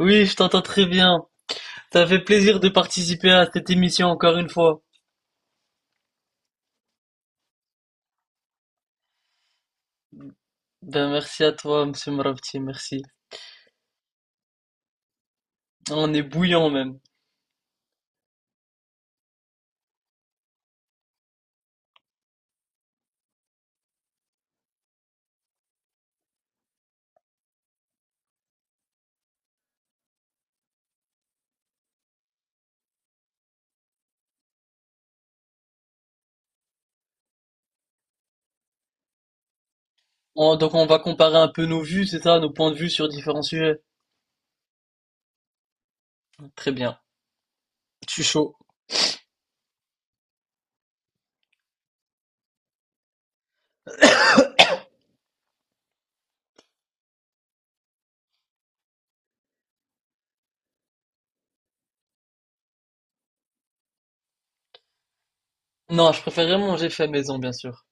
Oui, je t'entends très bien. Ça fait plaisir de participer à cette émission encore une fois. Ben merci à toi, Monsieur Mravti, merci. On est bouillant même. Donc on va comparer un peu nos vues, c'est ça, nos points de vue sur différents sujets. Très bien. Je suis chaud. Non, je préférerais manger fait maison, bien sûr.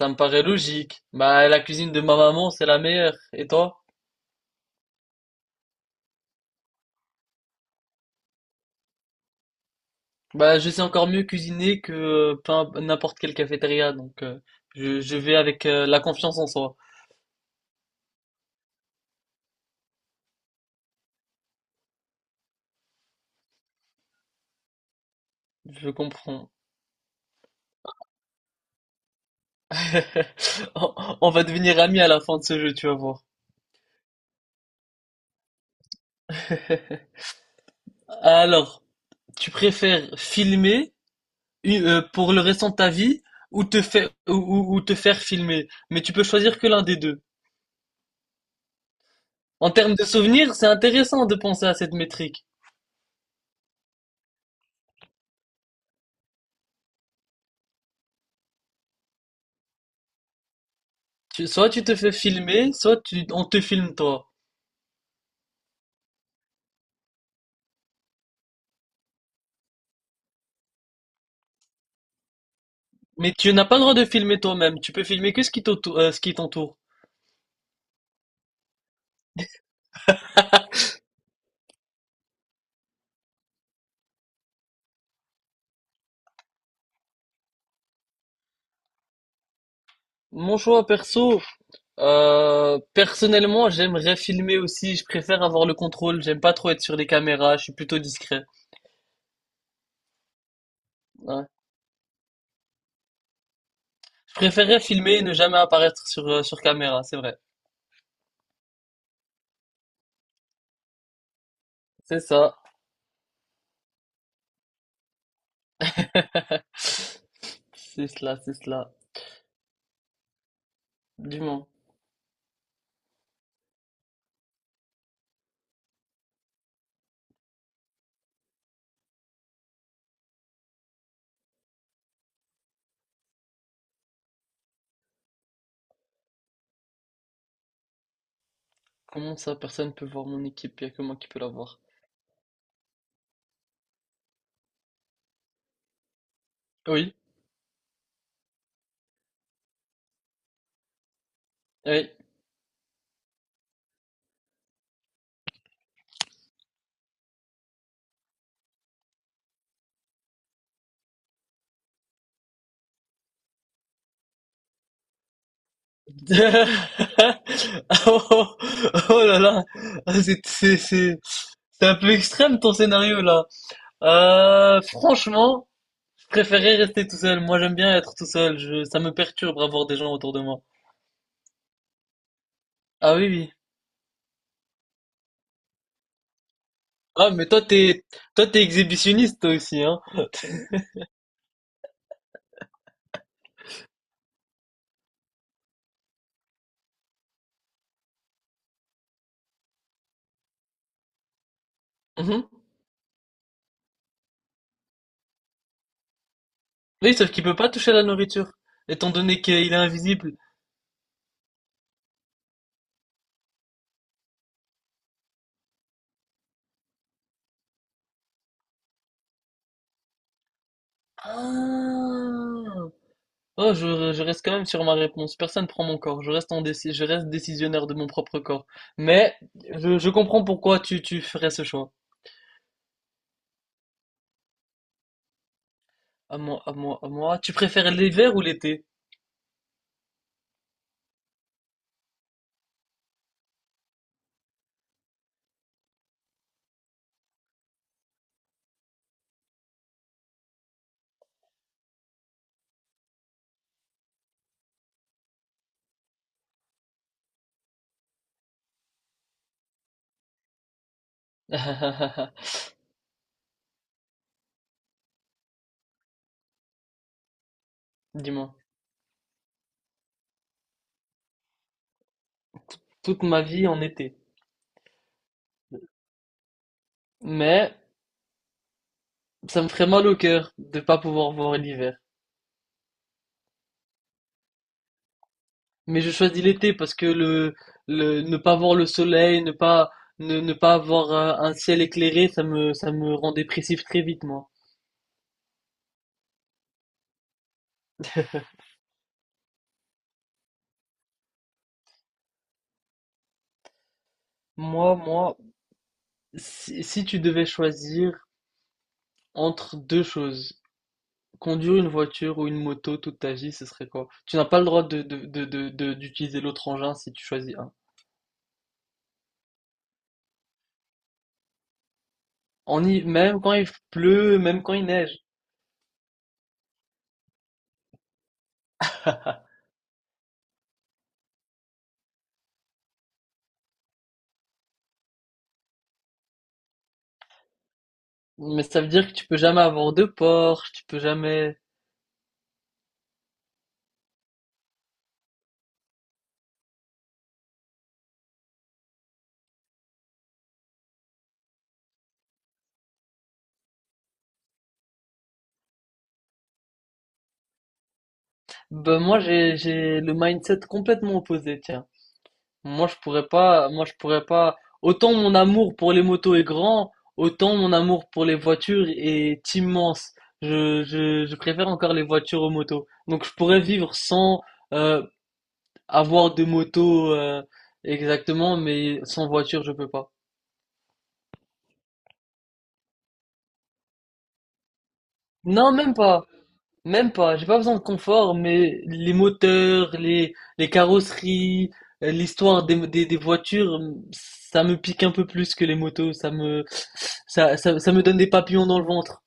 Ça me paraît logique. Bah la cuisine de ma maman, c'est la meilleure. Et toi? Bah je sais encore mieux cuisiner que n'importe quelle cafétéria, donc je vais avec la confiance en soi. Je comprends. On on va devenir amis à la fin de ce jeu, tu vas voir. Alors, tu préfères filmer pour le restant de ta vie ou te faire filmer, mais tu peux choisir que l'un des deux. En termes de souvenirs, c'est intéressant de penser à cette métrique. Soit tu te fais filmer, soit on te filme toi. Mais tu n'as pas le droit de filmer toi-même. Tu peux filmer que ce ce qui t'entoure. Mon choix perso, personnellement, j'aimerais filmer aussi. Je préfère avoir le contrôle. J'aime pas trop être sur les caméras. Je suis plutôt discret. Ouais. Je préférerais filmer et ne jamais apparaître sur, sur caméra. C'est vrai. C'est ça. C'est cela, c'est cela. Dis-moi, comment ça, personne peut voir mon équipe? Il n'y a que moi qui peux la voir. Oui, oui. Oh, oh là là, Ah, c'est un peu extrême ton scénario là. Franchement, je préférais rester tout seul. Moi, j'aime bien être tout seul. Ça me perturbe avoir des gens autour de moi. Ah oui, oui. Ah, mais toi, t'es exhibitionniste, toi aussi, hein. Mhm. Oui, sauf qu'il peut pas toucher à la nourriture, étant donné qu'il est invisible. Ah. Oh, je reste quand même sur ma réponse. Personne prend mon corps. Je reste je reste décisionnaire de mon propre corps. Mais je comprends pourquoi tu ferais ce choix. À moi, à moi, à moi. Tu préfères l'hiver ou l'été? Dis-moi. Toute ma vie en été. Mais ça me ferait mal au cœur de pas pouvoir voir l'hiver. Mais je choisis l'été parce que le ne pas voir le soleil, ne pas avoir un ciel éclairé, ça me rend dépressif très vite moi. Moi, si, si tu devais choisir entre deux choses, conduire une voiture ou une moto toute ta vie, ce serait quoi? Tu n'as pas le droit d'utiliser l'autre engin si tu choisis un. Même quand il pleut, même quand il neige. Mais ça veut dire que tu peux jamais avoir de Porsche, tu peux jamais. Ben moi j'ai le mindset complètement opposé, tiens. Moi je pourrais pas, moi je pourrais pas. Autant mon amour pour les motos est grand, autant mon amour pour les voitures est immense. Je préfère encore les voitures aux motos. Donc je pourrais vivre sans euh, avoir de moto exactement, mais sans voiture je peux pas. Non, même pas. Même pas, j'ai pas besoin de confort, mais les moteurs, les carrosseries, l'histoire des voitures, ça me pique un peu plus que les motos, ça me donne des papillons dans le ventre,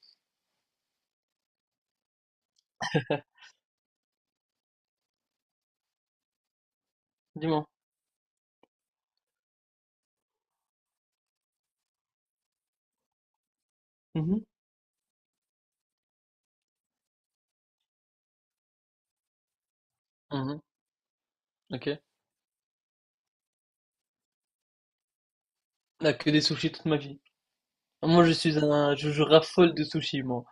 dis-moi. Mhm. Mhm, ok. Ah, que des sushis toute ma vie. Moi, je suis un, je raffole de sushis, moi.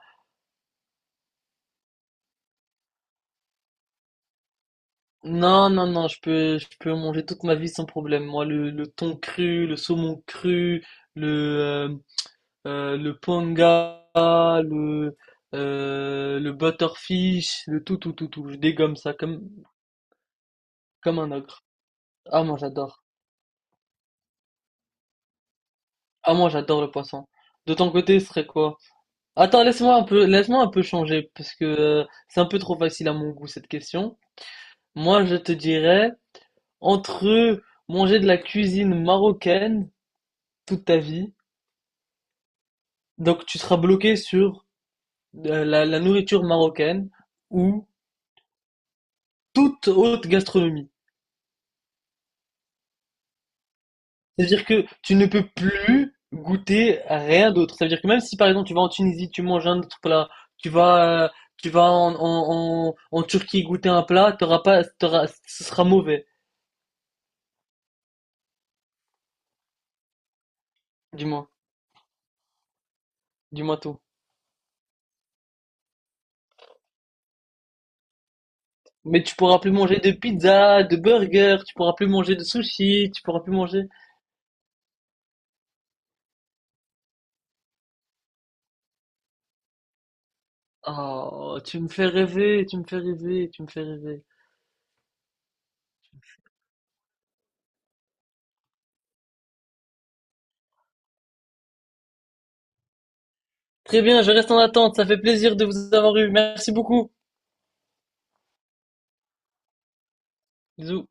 Non, non, non, je peux manger toute ma vie sans problème. Moi, le thon cru, le saumon cru, le, euh, le panga, le, le butterfish, le tout. Je dégomme ça comme, comme un ogre. Ah, moi j'adore. Ah, moi j'adore le poisson. De ton côté, ce serait quoi? Attends, laisse-moi un peu changer, parce que c'est un peu trop facile à mon goût cette question. Moi, je te dirais, entre manger de la cuisine marocaine toute ta vie, donc tu seras bloqué sur la nourriture marocaine ou toute haute gastronomie. C'est-à-dire que tu ne peux plus goûter à rien d'autre. Ça veut dire que même si par exemple tu vas en Tunisie, tu manges un autre plat, tu vas, euh, tu vas en Turquie goûter un plat, t'auras pas, t'auras- ce sera mauvais, du moins, du moins tout. Mais tu pourras plus manger de pizza, de burger, tu pourras plus manger de sushi, tu pourras plus manger. Oh, tu me fais rêver, tu me fais rêver, tu me fais rêver. Très bien, je reste en attente, ça fait plaisir de vous avoir eu. Merci beaucoup. Bisous.